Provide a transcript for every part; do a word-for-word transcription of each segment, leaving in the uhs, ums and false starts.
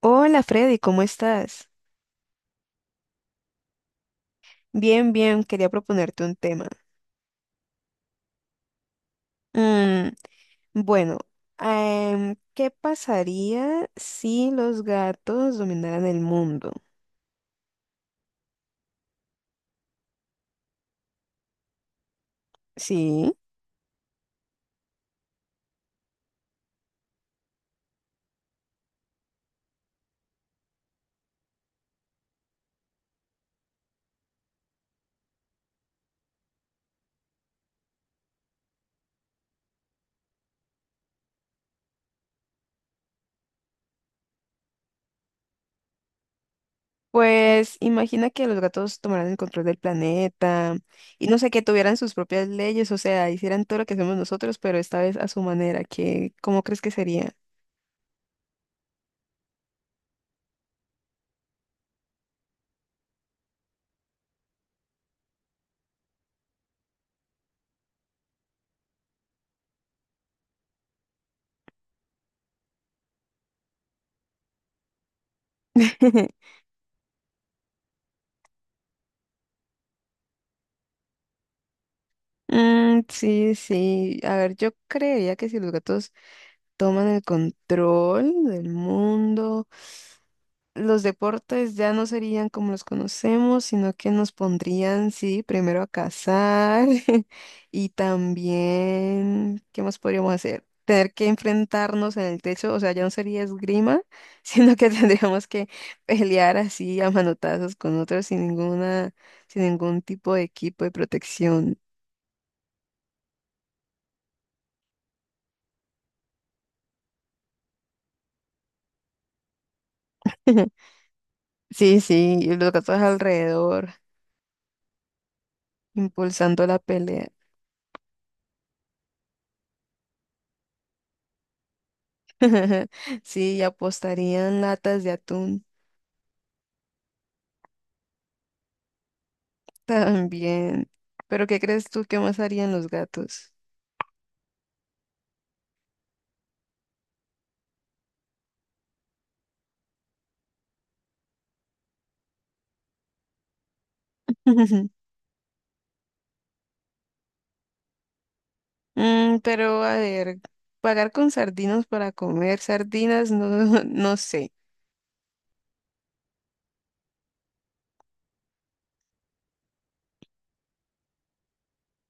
Hola Freddy, ¿cómo estás? Bien, bien, quería proponerte un tema. Mm, bueno, em, ¿qué pasaría si los gatos dominaran el mundo? Sí, pues imagina que los gatos tomaran el control del planeta y no sé, que tuvieran sus propias leyes, o sea, hicieran todo lo que hacemos nosotros, pero esta vez a su manera, ¿qué, ¿cómo crees que sería? Mm, sí, sí. A ver, yo creería que si los gatos toman el control del mundo. Los deportes ya no serían como los conocemos, sino que nos pondrían, sí, primero a cazar. Y también, ¿qué más podríamos hacer? Tener que enfrentarnos en el techo, o sea, ya no sería esgrima, sino que tendríamos que pelear así a manotazos con otros sin ninguna, sin ningún tipo de equipo de protección. Sí, sí, y los gatos alrededor, impulsando la pelea. Sí, y apostarían latas de atún también. Pero ¿qué crees tú que más harían los gatos? Mm, pero a ver, pagar con sardinos para comer sardinas, no, no sé.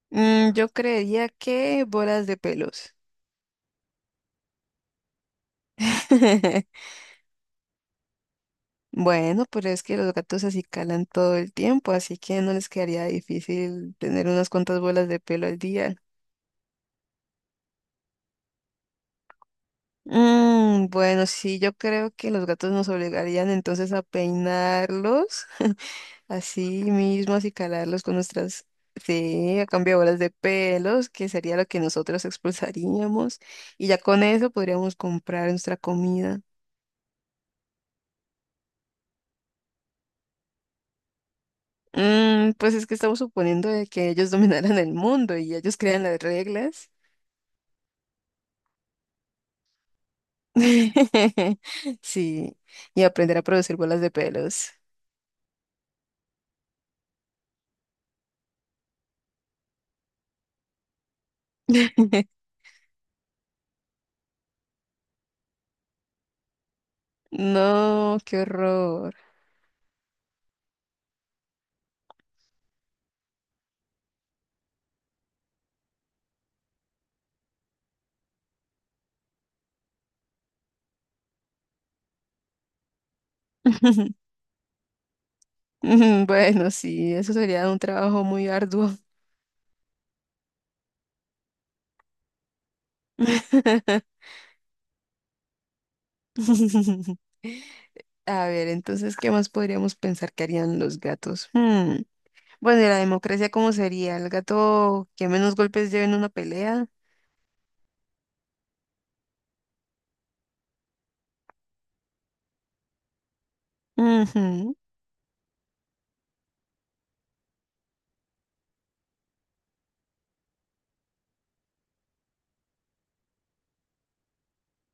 Mm, yo creería que bolas de pelos. Bueno, pero es que los gatos así calan todo el tiempo, así que no les quedaría difícil tener unas cuantas bolas de pelo al día. Mm, bueno, sí, yo creo que los gatos nos obligarían entonces a peinarlos así mismos y calarlos con nuestras, sí, a cambio de bolas de pelos, que sería lo que nosotros expulsaríamos. Y ya con eso podríamos comprar nuestra comida. Mm, pues es que estamos suponiendo de que ellos dominaran el mundo y ellos crean las reglas. Sí, y aprender a producir bolas de pelos. No, qué horror. Bueno, sí, eso sería un trabajo muy arduo. A ver, entonces, ¿qué más podríamos pensar que harían los gatos? Hmm, Bueno, ¿y la democracia cómo sería? ¿El gato que menos golpes lleve en una pelea?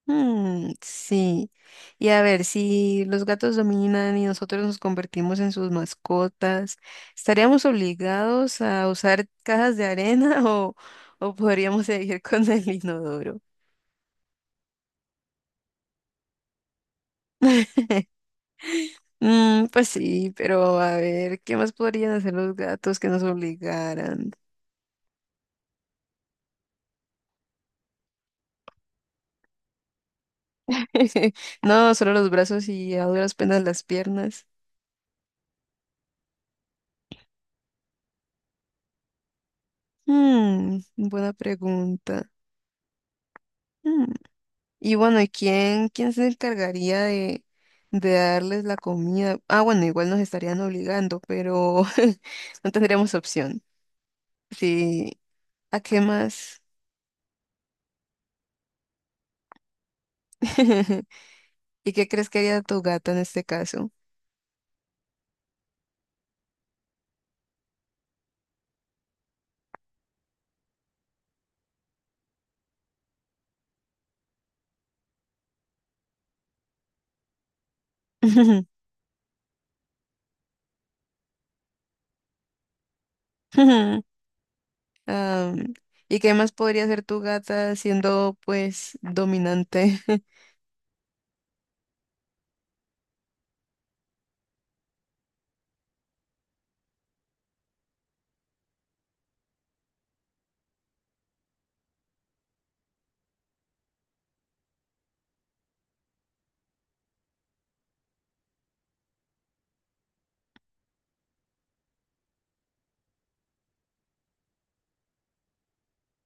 Ujú, mm, sí. Y a ver, si los gatos dominan y nosotros nos convertimos en sus mascotas, ¿estaríamos obligados a usar cajas de arena o, o podríamos seguir con el inodoro? Mm, pues sí, pero a ver, ¿qué más podrían hacer los gatos que nos obligaran? No, solo los brazos y a duras penas las piernas. Mm, buena pregunta. Mm. Y bueno, ¿y quién, ¿quién se encargaría de, de darles la comida? Ah, bueno, igual nos estarían obligando, pero no tendríamos opción. Sí, ¿a qué más? ¿Y qué crees que haría tu gata en este caso? Ah, ¿y qué más podría hacer tu gata siendo pues dominante?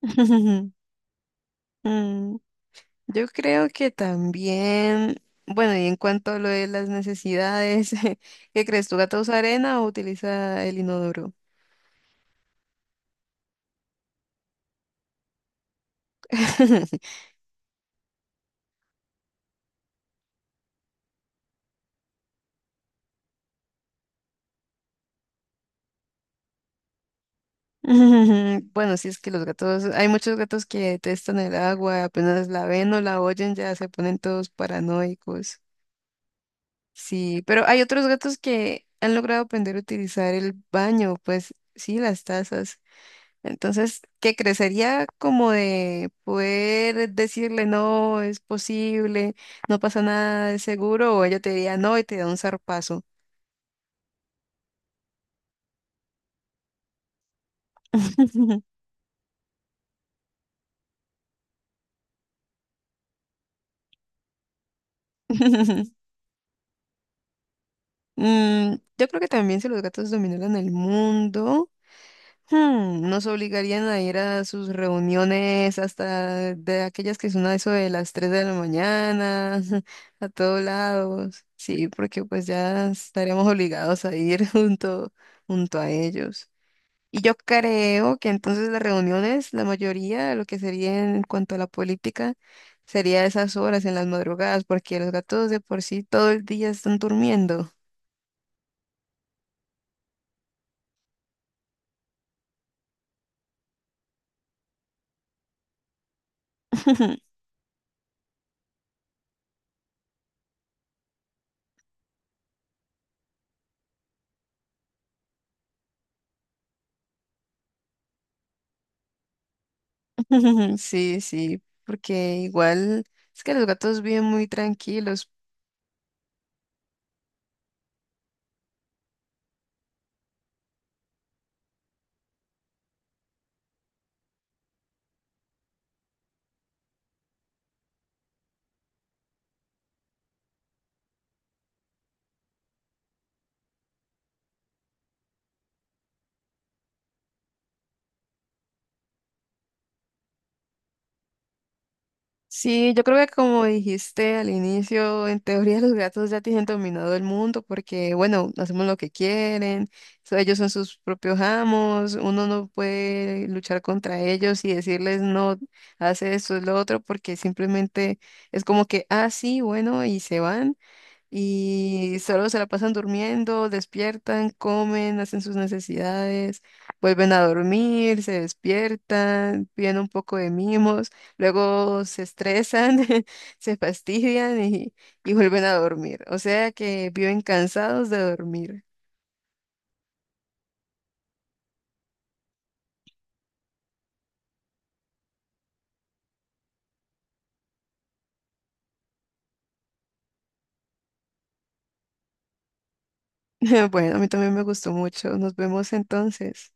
Mm, yo creo que también, bueno, y en cuanto a lo de las necesidades, ¿qué crees? ¿Tu gato usa arena o utiliza el inodoro? Mm, bueno, sí es que los gatos, hay muchos gatos que detestan el agua, apenas la ven o la oyen ya se ponen todos paranoicos. Sí, pero hay otros gatos que han logrado aprender a utilizar el baño, pues sí, las tazas. Entonces, que crecería como de poder decirle, no, es posible, no pasa nada, es seguro, o ella te diría, no, y te da un zarpazo. Mm, yo creo que también si los gatos dominaran el mundo. Hmm, nos obligarían a ir a sus reuniones hasta de aquellas que son a eso de las tres de la mañana, a todos lados. Sí, porque pues ya estaremos obligados a ir junto, junto a ellos. Y yo creo que entonces las reuniones, la mayoría de lo que sería en cuanto a la política, sería a esas horas en las madrugadas, porque los gatos de por sí todo el día están durmiendo. Sí, sí, porque igual es que los gatos viven muy tranquilos. Sí, yo creo que como dijiste al inicio, en teoría los gatos ya tienen dominado el mundo porque, bueno, hacemos lo que quieren, so- ellos son sus propios amos, uno no puede luchar contra ellos y decirles no, hace esto, es lo otro, porque simplemente es como que, ah, sí, bueno, y se van. Y solo se la pasan durmiendo, despiertan, comen, hacen sus necesidades, vuelven a dormir, se despiertan, piden un poco de mimos, luego se estresan, se fastidian y, y vuelven a dormir. O sea que viven cansados de dormir. Bueno, a mí también me gustó mucho. Nos vemos entonces.